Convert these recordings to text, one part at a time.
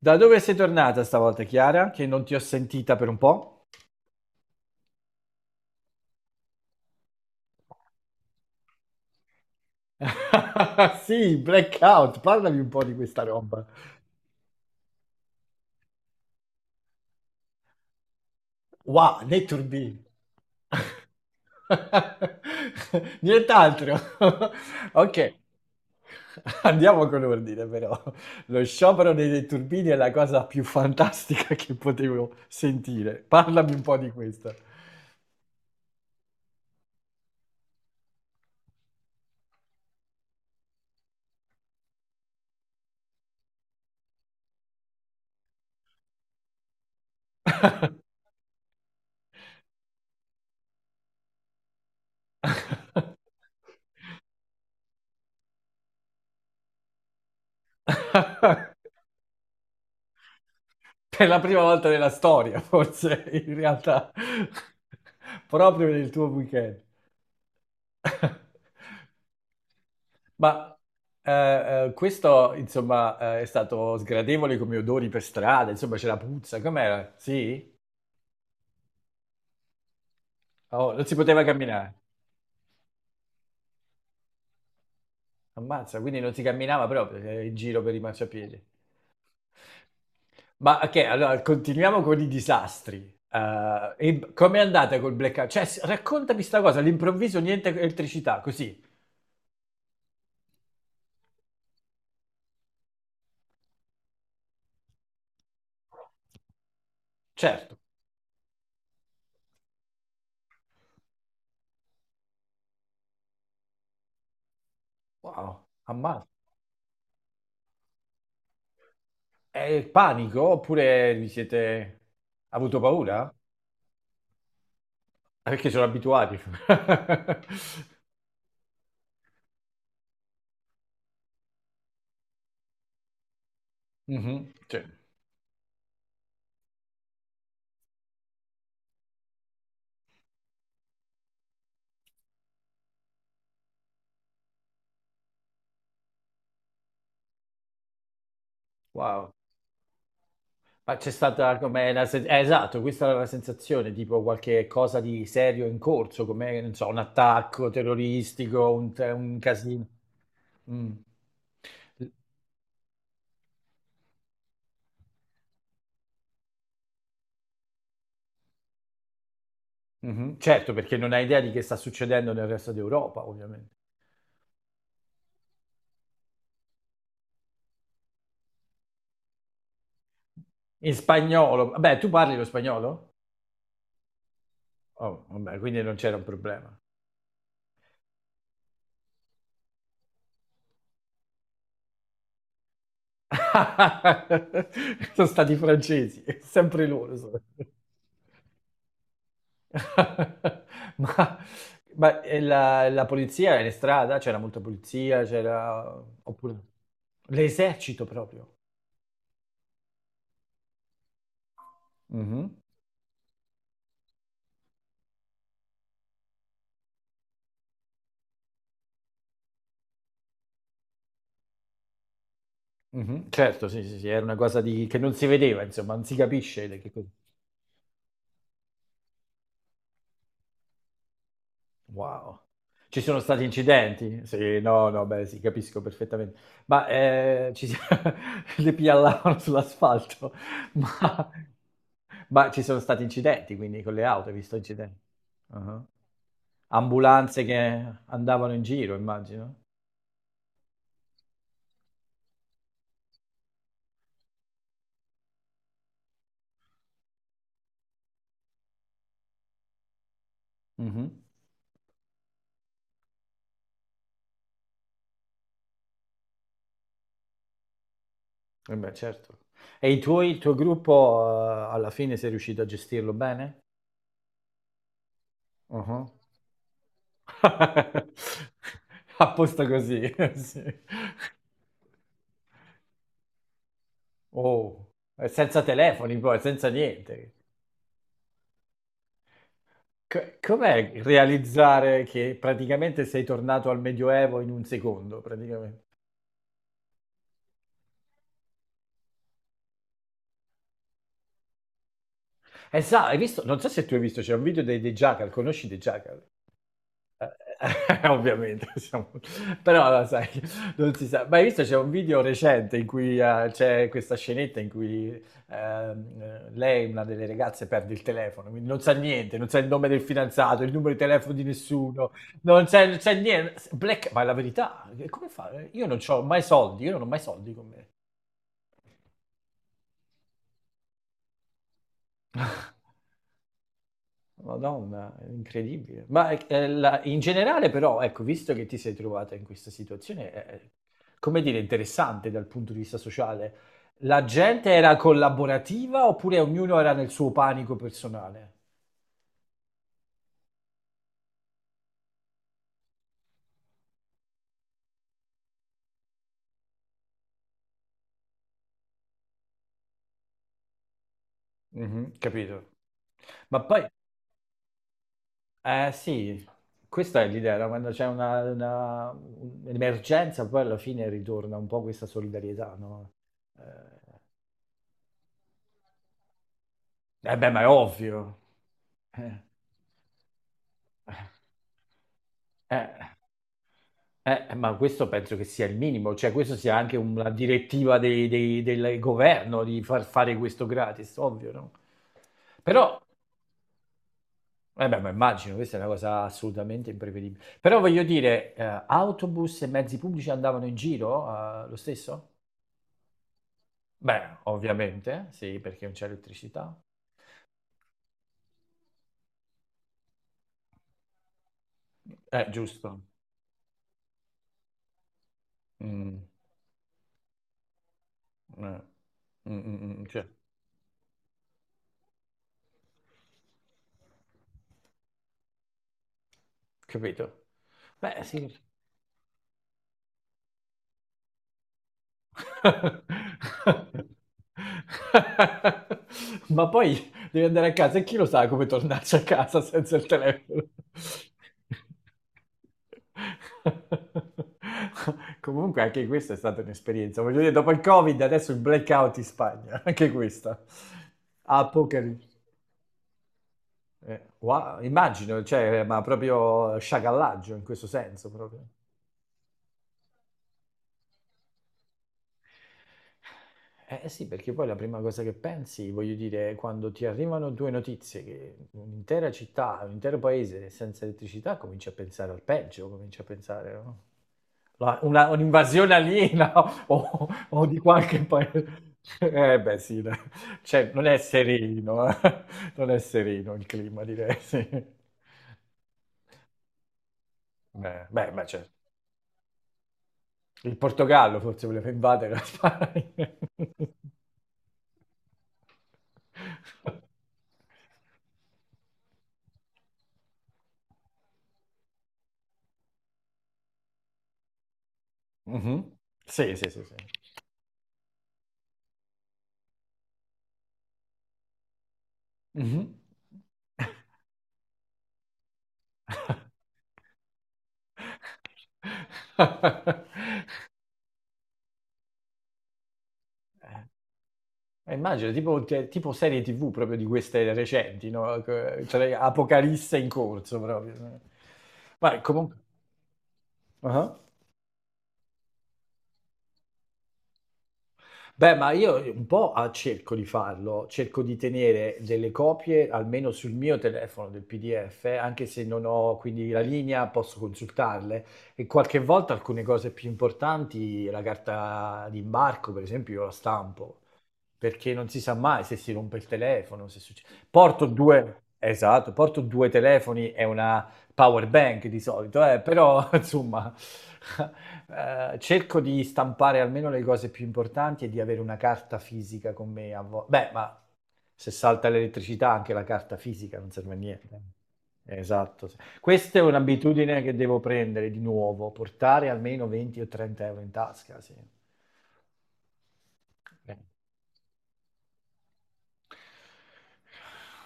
Da dove sei tornata stavolta, Chiara? Che non ti ho sentita per un po'? Sì, blackout, parlami un po' di questa roba. Wow, Netturbi. Nient'altro. Ok. Andiamo con ordine, però. Lo sciopero dei netturbini è la cosa più fantastica che potevo sentire. Parlami un po' di questa. Per la prima volta nella storia, forse, in realtà, proprio nel tuo weekend. Ma eh, questo, insomma, è stato sgradevole come odori per strada, insomma, c'era puzza, com'era? Sì? Oh, non si poteva camminare. Ammazza, quindi non si camminava proprio in giro per i marciapiedi. Ma ok, allora continuiamo con i disastri. E com'è andata col blackout? Cioè, raccontami sta cosa, all'improvviso niente elettricità, così. Certo. Wow, ammazza. È il panico oppure vi siete ha avuto paura? Ah, perché sono abituati. Mhm. Sì. Wow. Ma c'è stata come esatto, questa era la sensazione, tipo qualche cosa di serio in corso, come, non so, un attacco terroristico, un casino. Mm. Mhm. Certo, perché non hai idea di che sta succedendo nel resto d'Europa, ovviamente. In spagnolo. Beh, tu parli lo spagnolo? Oh, vabbè, quindi non c'era un problema. Sono stati i francesi, sempre loro sono. Ma, ma e la polizia era in strada? C'era molta polizia? C'era... Oppure... L'esercito proprio? Mhm, mhm. Certo, sì, sì, sì, era una cosa che non si vedeva, insomma, non si capisce di che cosa. Wow. Ci sono stati incidenti? Sì, no, no, beh, sì, capisco perfettamente. Ma, ci si le piallavano sull'asfalto, ma ma ci sono stati incidenti, quindi con le auto, hai visto inciden ah-ah. Ambulanze che andavano in giro, immagino. Mh-mh. Eh beh, certo. E i tuoi il tuo gruppo, alla fine sei riuscito a gestirlo bene? Ah-ah. Apposta così, sì. Oh, e senza telefoni poi, senza niente. Com'è realizzare che praticamente sei tornato al Medioevo in un secondo, praticamente? Hai visto, non so se tu hai visto, c'è un video dei The Jackal, conosci The Jackal? Eh, Ovviamente, siamo... però lo sai, non si sa. Ma hai visto c'è un video recente in cui c'è questa scenetta in cui lei, una delle ragazze, perde il telefono, quindi non sa niente, non sa il nome del fidanzato, il numero di telefono di nessuno, non c'è niente. Ma è la verità, come fa? Io non ho mai soldi, io non ho mai soldi con me. Madonna, è incredibile. Ma in generale però, ecco, visto che ti sei trovata in questa situazione, come dire, interessante dal punto di vista sociale, la gente era collaborativa oppure ognuno era nel suo panico personale? Mhm, capito. Ma poi, eh sì, questa è l'idea, no? Quando c'è un'emergenza, poi alla fine ritorna un po' questa solidarietà, no? Eh, eh beh, ma è ovvio. Eh, eh. eh. Ma questo penso che sia il minimo, cioè questo sia anche una direttiva dei del governo di far fare questo gratis, ovvio, no? Però, eh beh, ma immagino, questa è una cosa assolutamente imprevedibile. Però voglio dire, autobus e mezzi pubblici andavano in giro, lo stesso? Beh, ovviamente, sì, perché non c'è elettricità. Giusto. Mm, eh, cioè, capito? Beh, sì. Ma poi devi andare a casa e chi lo sa come tornarci a casa senza il telefono? Comunque anche questa è stata un'esperienza. Voglio dire, dopo il Covid, adesso il blackout in Spagna, anche questa. Apocalisse. Wow, immagino, cioè, ma proprio sciacallaggio in questo senso, proprio. Eh sì, perché poi la prima cosa che pensi, voglio dire, quando ti arrivano due notizie che un'intera città, un intero paese è senza elettricità, cominci a pensare al peggio, cominci a pensare no? Un'invasione aliena o di qualche paese. Eh beh sì, dai. Cioè non è sereno, eh. Non è sereno il clima, direi, sì. Beh, beh, ma certo. Il Portogallo forse voleva invadere la Spagna. Mhm. Sì, sì, sì, sì. Mhm. Immagino, tipo serie TV proprio di queste recenti, no? Cioè, Apocalisse in corso proprio. Ma comunque... uh-huh. Beh, ma io un po' a cerco di farlo, cerco di tenere delle copie almeno sul mio telefono del PDF, anche se non ho quindi la linea, posso consultarle e qualche volta alcune cose più importanti, la carta d'imbarco per esempio, io la stampo perché non si sa mai se si rompe il telefono, se succede. Porto due, esatto, porto due telefoni e una power bank di solito, però insomma cerco di stampare almeno le cose più importanti e di avere una carta fisica con me. Beh, ma se salta l'elettricità anche la carta fisica non serve a niente. Esatto. Sì. Questa è un'abitudine che devo prendere di nuovo, portare almeno 20 o 30 euro in tasca, sì. Eh.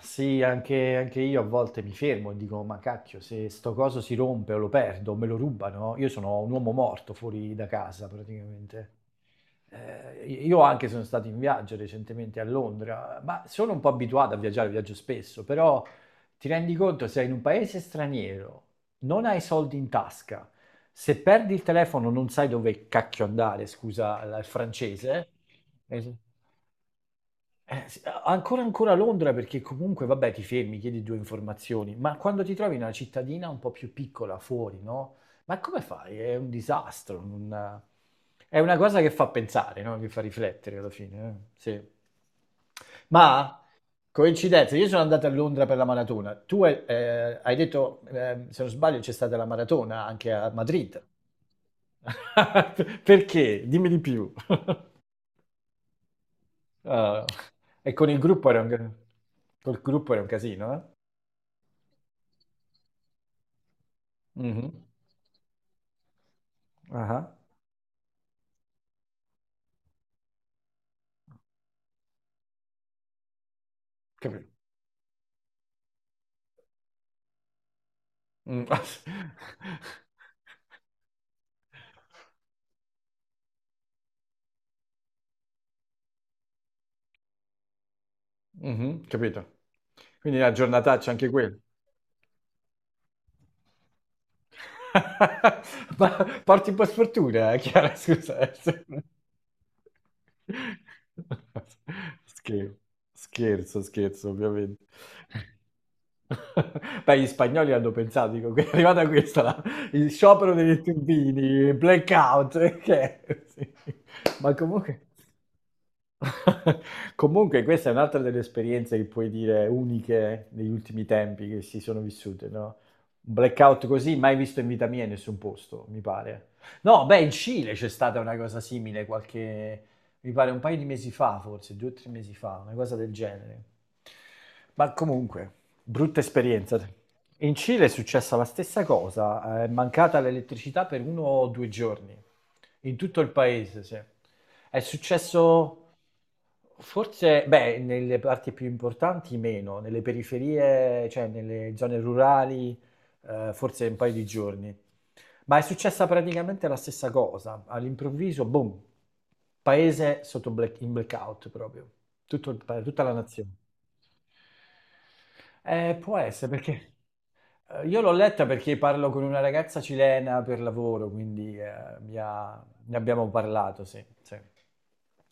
Sì, anche io a volte mi fermo e dico: "Ma cacchio, se sto coso si rompe o lo perdo o me lo rubano, io sono un uomo morto fuori da casa praticamente". I io anche sono stato in viaggio recentemente a Londra, ma sono un po' abituato a viaggiare, viaggio spesso, però ti rendi conto sei in un paese straniero, non hai soldi in tasca, se perdi il telefono non sai dove cacchio andare, scusa la il francese. Es s a ancora ancora a Londra perché comunque vabbè ti fermi, chiedi 2 informazioni, ma quando ti trovi in una cittadina un po' più piccola fuori, no, ma come fai? È un disastro, un è una cosa che fa pensare, no, che fa riflettere alla fine, sì. Ma, coincidenza, io sono andato a Londra per la maratona. Tu hai detto, se non sbaglio c'è stata la maratona anche a Madrid. Perché? Dimmi di più. Ah. E con il gruppo era un, ca- col gruppo era un casino, eh? Mhm. Ah, capito. Mm. Mhm, capito. Quindi la giornataccia anche quella. Ma porti un po' sfortuna, Chiara, scusa. Scherzo, scherzo, scherzo, ovviamente. Beh, gli spagnoli hanno pensato, dico, è arrivata questa, il sciopero degli stupini, blackout, che è? Sì. Ma comunque... Comunque questa è un'altra delle esperienze che puoi dire uniche negli ultimi tempi che si sono vissute, no? Un blackout così mai visto in vita mia in nessun posto, mi pare. No, beh, in Cile c'è stata una cosa simile qualche, mi pare un paio di mesi fa, forse, due o tre mesi fa, una cosa del genere. Ma comunque. Brutta esperienza. In Cile è successa la stessa cosa, è mancata l'elettricità per uno o due giorni, in tutto il paese, sì. È successo forse, beh, nelle parti più importanti meno, nelle periferie, cioè nelle zone rurali, forse un paio di giorni. Ma è successa praticamente la stessa cosa, all'improvviso, boom, paese in blackout proprio, tutta la nazione. Può essere perché... Io l'ho letta perché parlo con una ragazza cilena per lavoro, quindi ne abbiamo parlato, sì, sì.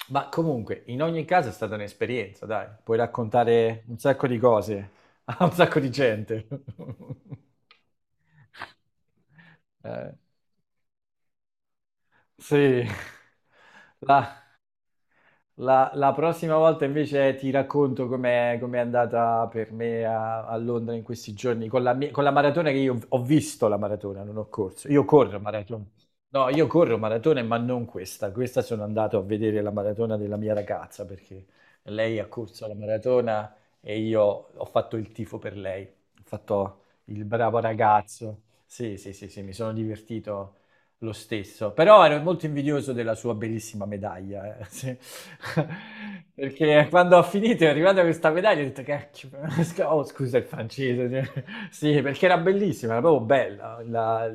Ma comunque, in ogni caso è stata un'esperienza, dai, puoi raccontare un sacco di cose a un sacco di gente. Eh, sì, la, la prossima volta invece ti racconto com'è andata per me a, Londra in questi giorni con con la maratona che io ho visto la maratona, non ho corso. Io corro maratona. No, io corro maratone, ma non questa. Questa sono andato a vedere la maratona della mia ragazza perché lei ha corso la maratona e io ho fatto il tifo per lei. Ho fatto il bravo ragazzo. Sì, sì, sì, sì, mi sono divertito lo stesso, però ero molto invidioso della sua bellissima medaglia, sì. Perché quando ho finito è arrivata questa medaglia ho detto cacchio, oh scusa il francese, sì perché era bellissima, era proprio bella,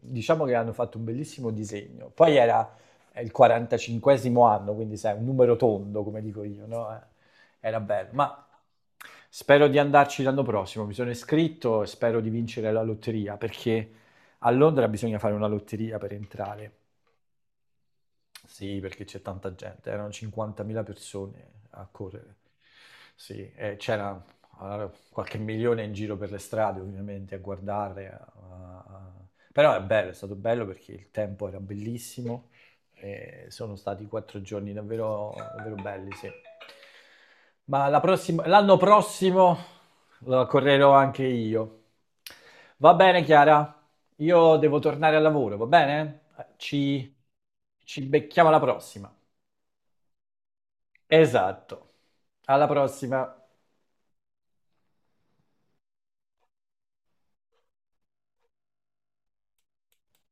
diciamo che hanno fatto un bellissimo disegno, poi era il 45esimo anno, quindi sai, un numero tondo come dico io, no? Era bello, ma... Spero di andarci l'anno prossimo, mi sono iscritto e spero di vincere la lotteria perché a Londra bisogna fare una lotteria per entrare. Sì, perché c'è tanta gente, erano 50.000 persone a correre. Sì, e c'era allora, qualche milione in giro per le strade, ovviamente, a guardare. A- Però è bello, è stato bello perché il tempo era bellissimo, e sono stati quattro giorni davvero, davvero belli, sì. Ma l'anno prossimo lo correrò anche io. Va bene, Chiara? Io devo tornare al lavoro, va bene? Ci, ci becchiamo alla prossima. Esatto. Alla prossima.